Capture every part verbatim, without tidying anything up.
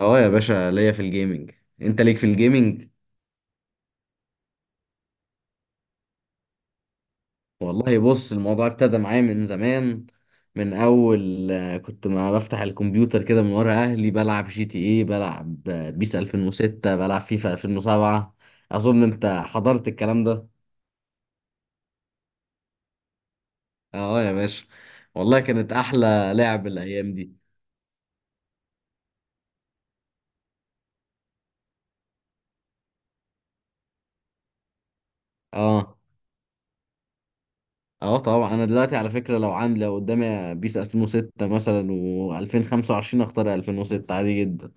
اه يا باشا ليا في الجيمنج. انت ليك في الجيمنج؟ والله بص، الموضوع ابتدى معايا من زمان. من اول آه، كنت ما بفتح الكمبيوتر كده من ورا اهلي، بلعب جي تي اي، بلعب آه، بيس ألفين وستة، بلعب فيفا ألفين وسبعة. اظن انت حضرت الكلام ده. اه يا باشا. والله كانت احلى لعب الايام دي. اه. اه طبعا، انا دلوقتي على فكرة لو عندي، لو قدامي بيس ألفين وستة مثلا وألفين وخمسة وعشرين، اختار ألفين وستة عادي جدا.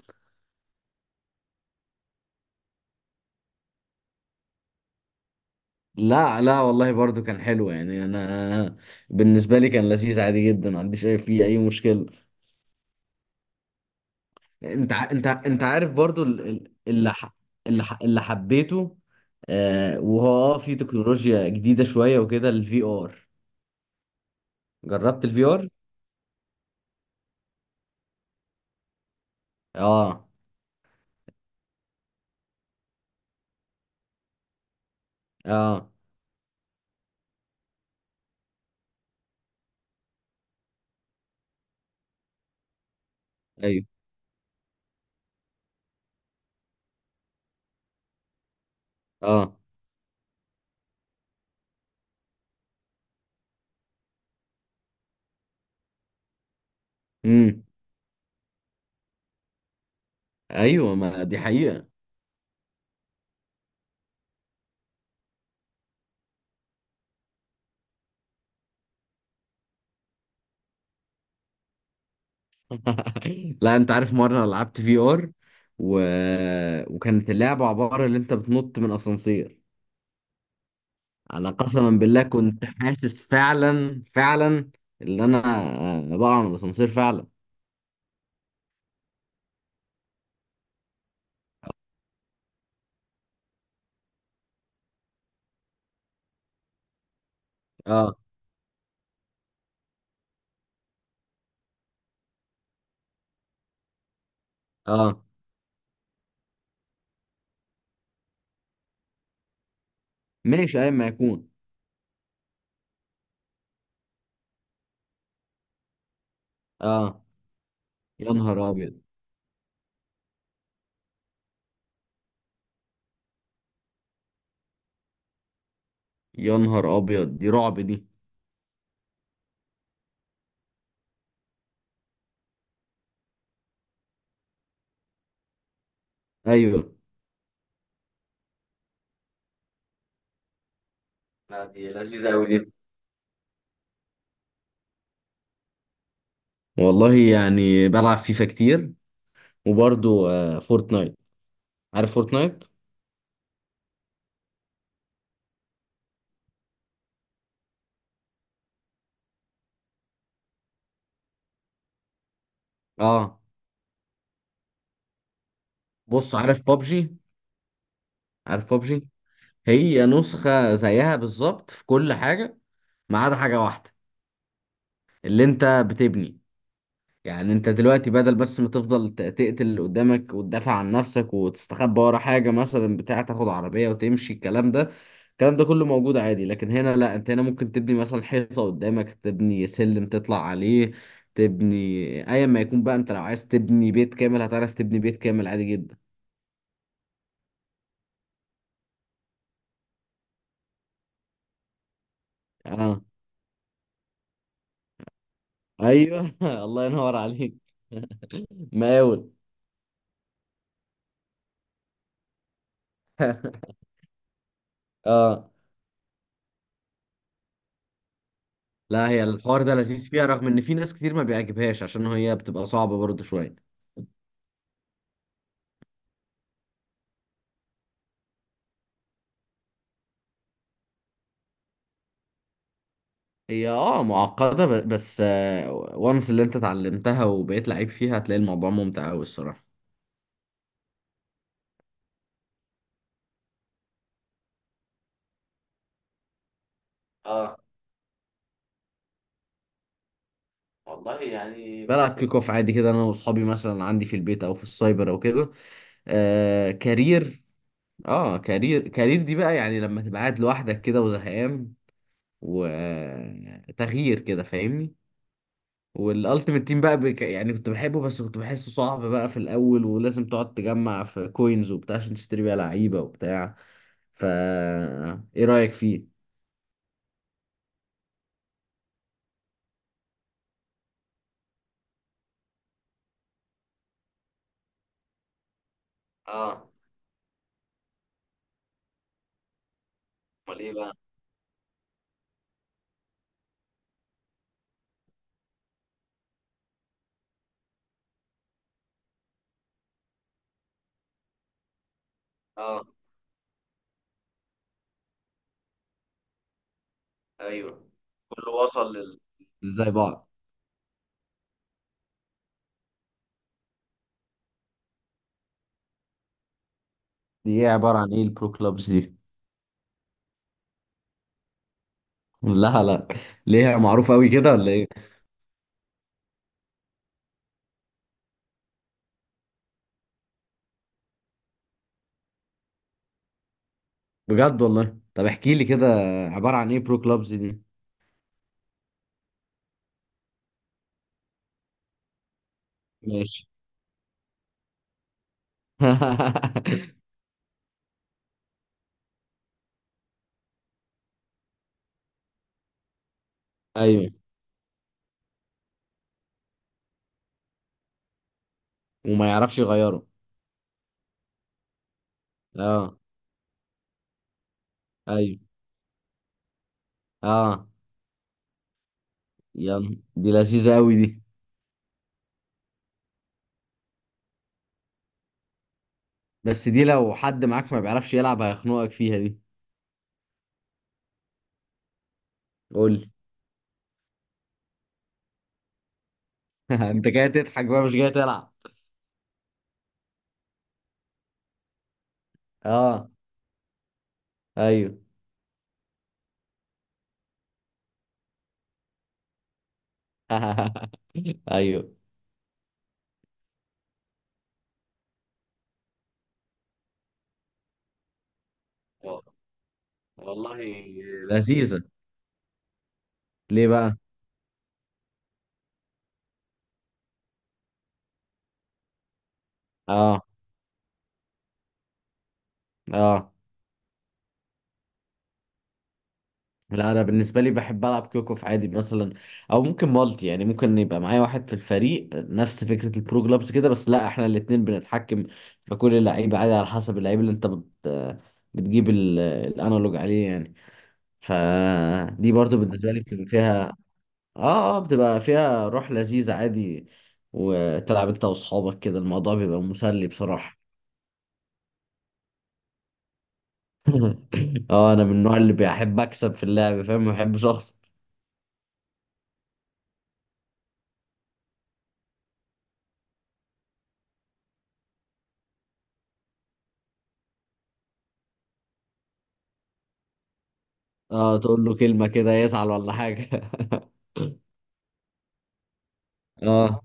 لا لا والله، برضو كان حلو، يعني انا بالنسبه لي كان لذيذ عادي جدا، ما عنديش اي، فيه اي مشكله. انت ع- انت انت عارف برضو ال- ال- اللي ح- اللي ح- اللي حبيته. آه، وهو اه في تكنولوجيا جديده شويه وكده، الفي ار. جربت الفي ار. اه. اه ايوه. اه. امم. ايوه، ما دي حقيقه. لا، انت عارف مره لعبت في ار و... وكانت اللعبه عباره اللي انت بتنط من اسانسير. انا قسما بالله، كنت حاسس فعلا فعلا اللي انا آه، بقع من الاسانسير فعلا. اه. اه ماشي، ايا ما يكون. اه. يا نهار ابيض. يا نهار ابيض، دي رعب دي. ايوه. لا، دي لذيذة أوي دي. والله يعني بلعب فيفا كتير، وبرضو آه فورتنايت. عارف فورتنايت؟ اه. بص، عارف بابجي؟ عارف بابجي؟ هي نسخة زيها بالظبط في كل حاجة، ما عدا حاجة واحدة، اللي انت بتبني. يعني انت دلوقتي بدل بس ما تفضل ت- تقتل اللي قدامك وتدافع عن نفسك وتستخبى ورا حاجة مثلا، بتاع تاخد عربية وتمشي، الكلام ده، الكلام ده كله موجود عادي. لكن هنا لا، انت هنا ممكن تبني مثلا حيطة قدامك، تبني سلم تطلع عليه، تبني ايا ما يكون بقى. انت لو عايز تبني بيت كامل هتعرف تبني بيت كامل عادي جدا. اه. ايوه. الله ينور عليك. مقاول. اه. لا هي الحوار ده لذيذ فيها، رغم ان في ناس كتير ما بيعجبهاش عشان هي بتبقى صعبة برضه شوية. هي اه معقدة ب- بس، وانس اللي انت اتعلمتها وبقيت لعيب فيها، هتلاقي الموضوع ممتع أوي الصراحة. اه. والله يعني بلعب كيك اوف عادي كده، انا واصحابي مثلا، عندي في البيت او في السايبر او كده. آه كارير. اه كارير، كارير دي بقى يعني لما تبقى قاعد لوحدك كده وزهقان، وتغيير كده، فاهمني. والالتيميت تيم بقى بك... يعني كنت بحبه، بس كنت بحسه صعب بقى في الاول، ولازم تقعد تجمع في كوينز وبتاع عشان تشتري بيها لعيبة وبتاع، فا ايه رأيك فيه؟ اه. امال ايه بقى؟ اه. ايوه، كله وصل لل، زي بعض. دي ايه؟ عبارة عن ايه البرو كلابز دي؟ لا لا. ليه، معروفة قوي كده ولا ايه؟ بجد والله؟ طب احكي لي كده، عبارة عن ايه برو كلابز دي؟ ماشي. ايوه. وما يعرفش يغيره. اه. ايوه. اه. يلا دي لذيذة قوي دي. بس دي لو حد معاك ما بيعرفش يلعب هيخنقك فيها دي. قول لي. انت جاي تضحك بقى مش جاي تلعب. اه. ايوه. ايوه. و- والله لذيذة. ليه بقى؟ اه. اه. لا انا بالنسبه لي بحب العب كيوكوف عادي مثلا، او ممكن مالتي. يعني ممكن يبقى معايا واحد في الفريق، نفس فكره البرو جلابس كده، بس لا احنا الاثنين بنتحكم في كل اللعيبه عادي، على حسب اللعيب اللي انت بت... بتجيب ال... الانالوج عليه يعني. فدي برضو بالنسبه لي بتبقى فيها، اه. اه بتبقى فيها روح لذيذة عادي، وتلعب انت واصحابك كده الموضوع بيبقى مسلي بصراحة. اه، انا من النوع اللي بيحب اكسب في اللعب، فاهم؟ ما بحبش اخسر. اه، تقول له كلمة كده يزعل ولا حاجة. اه.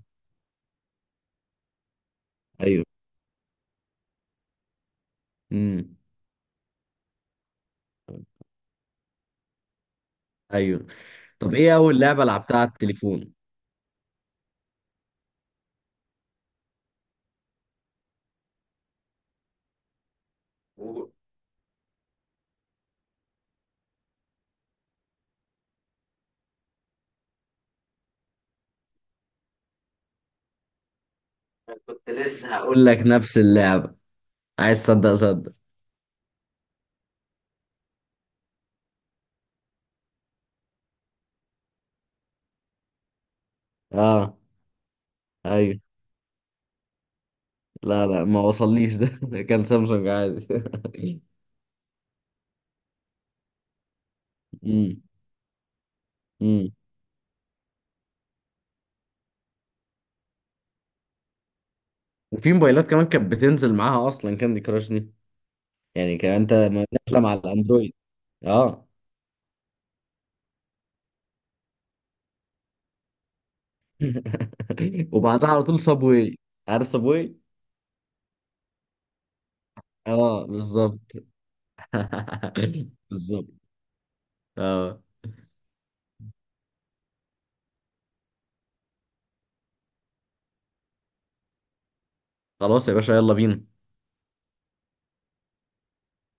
ايوه. امم. ايوه. طب ايه اول لعبة لعبتها على التليفون؟ و- كنت لسه هقول لك نفس اللعبة، عايز تصدق صدق. اه. ايوه. لا لا ما وصليش ده. كان سامسونج عادي. امم. وفي موبايلات كمان كانت بتنزل معاها اصلا كاندي كراش دي، يعني كان انت ما- نازله مع الاندرويد. اه. وبعدها على طول صابواي. عارف صابواي؟ اه بالظبط. بالظبط. اه. خلاص يا باشا، يلا بينا.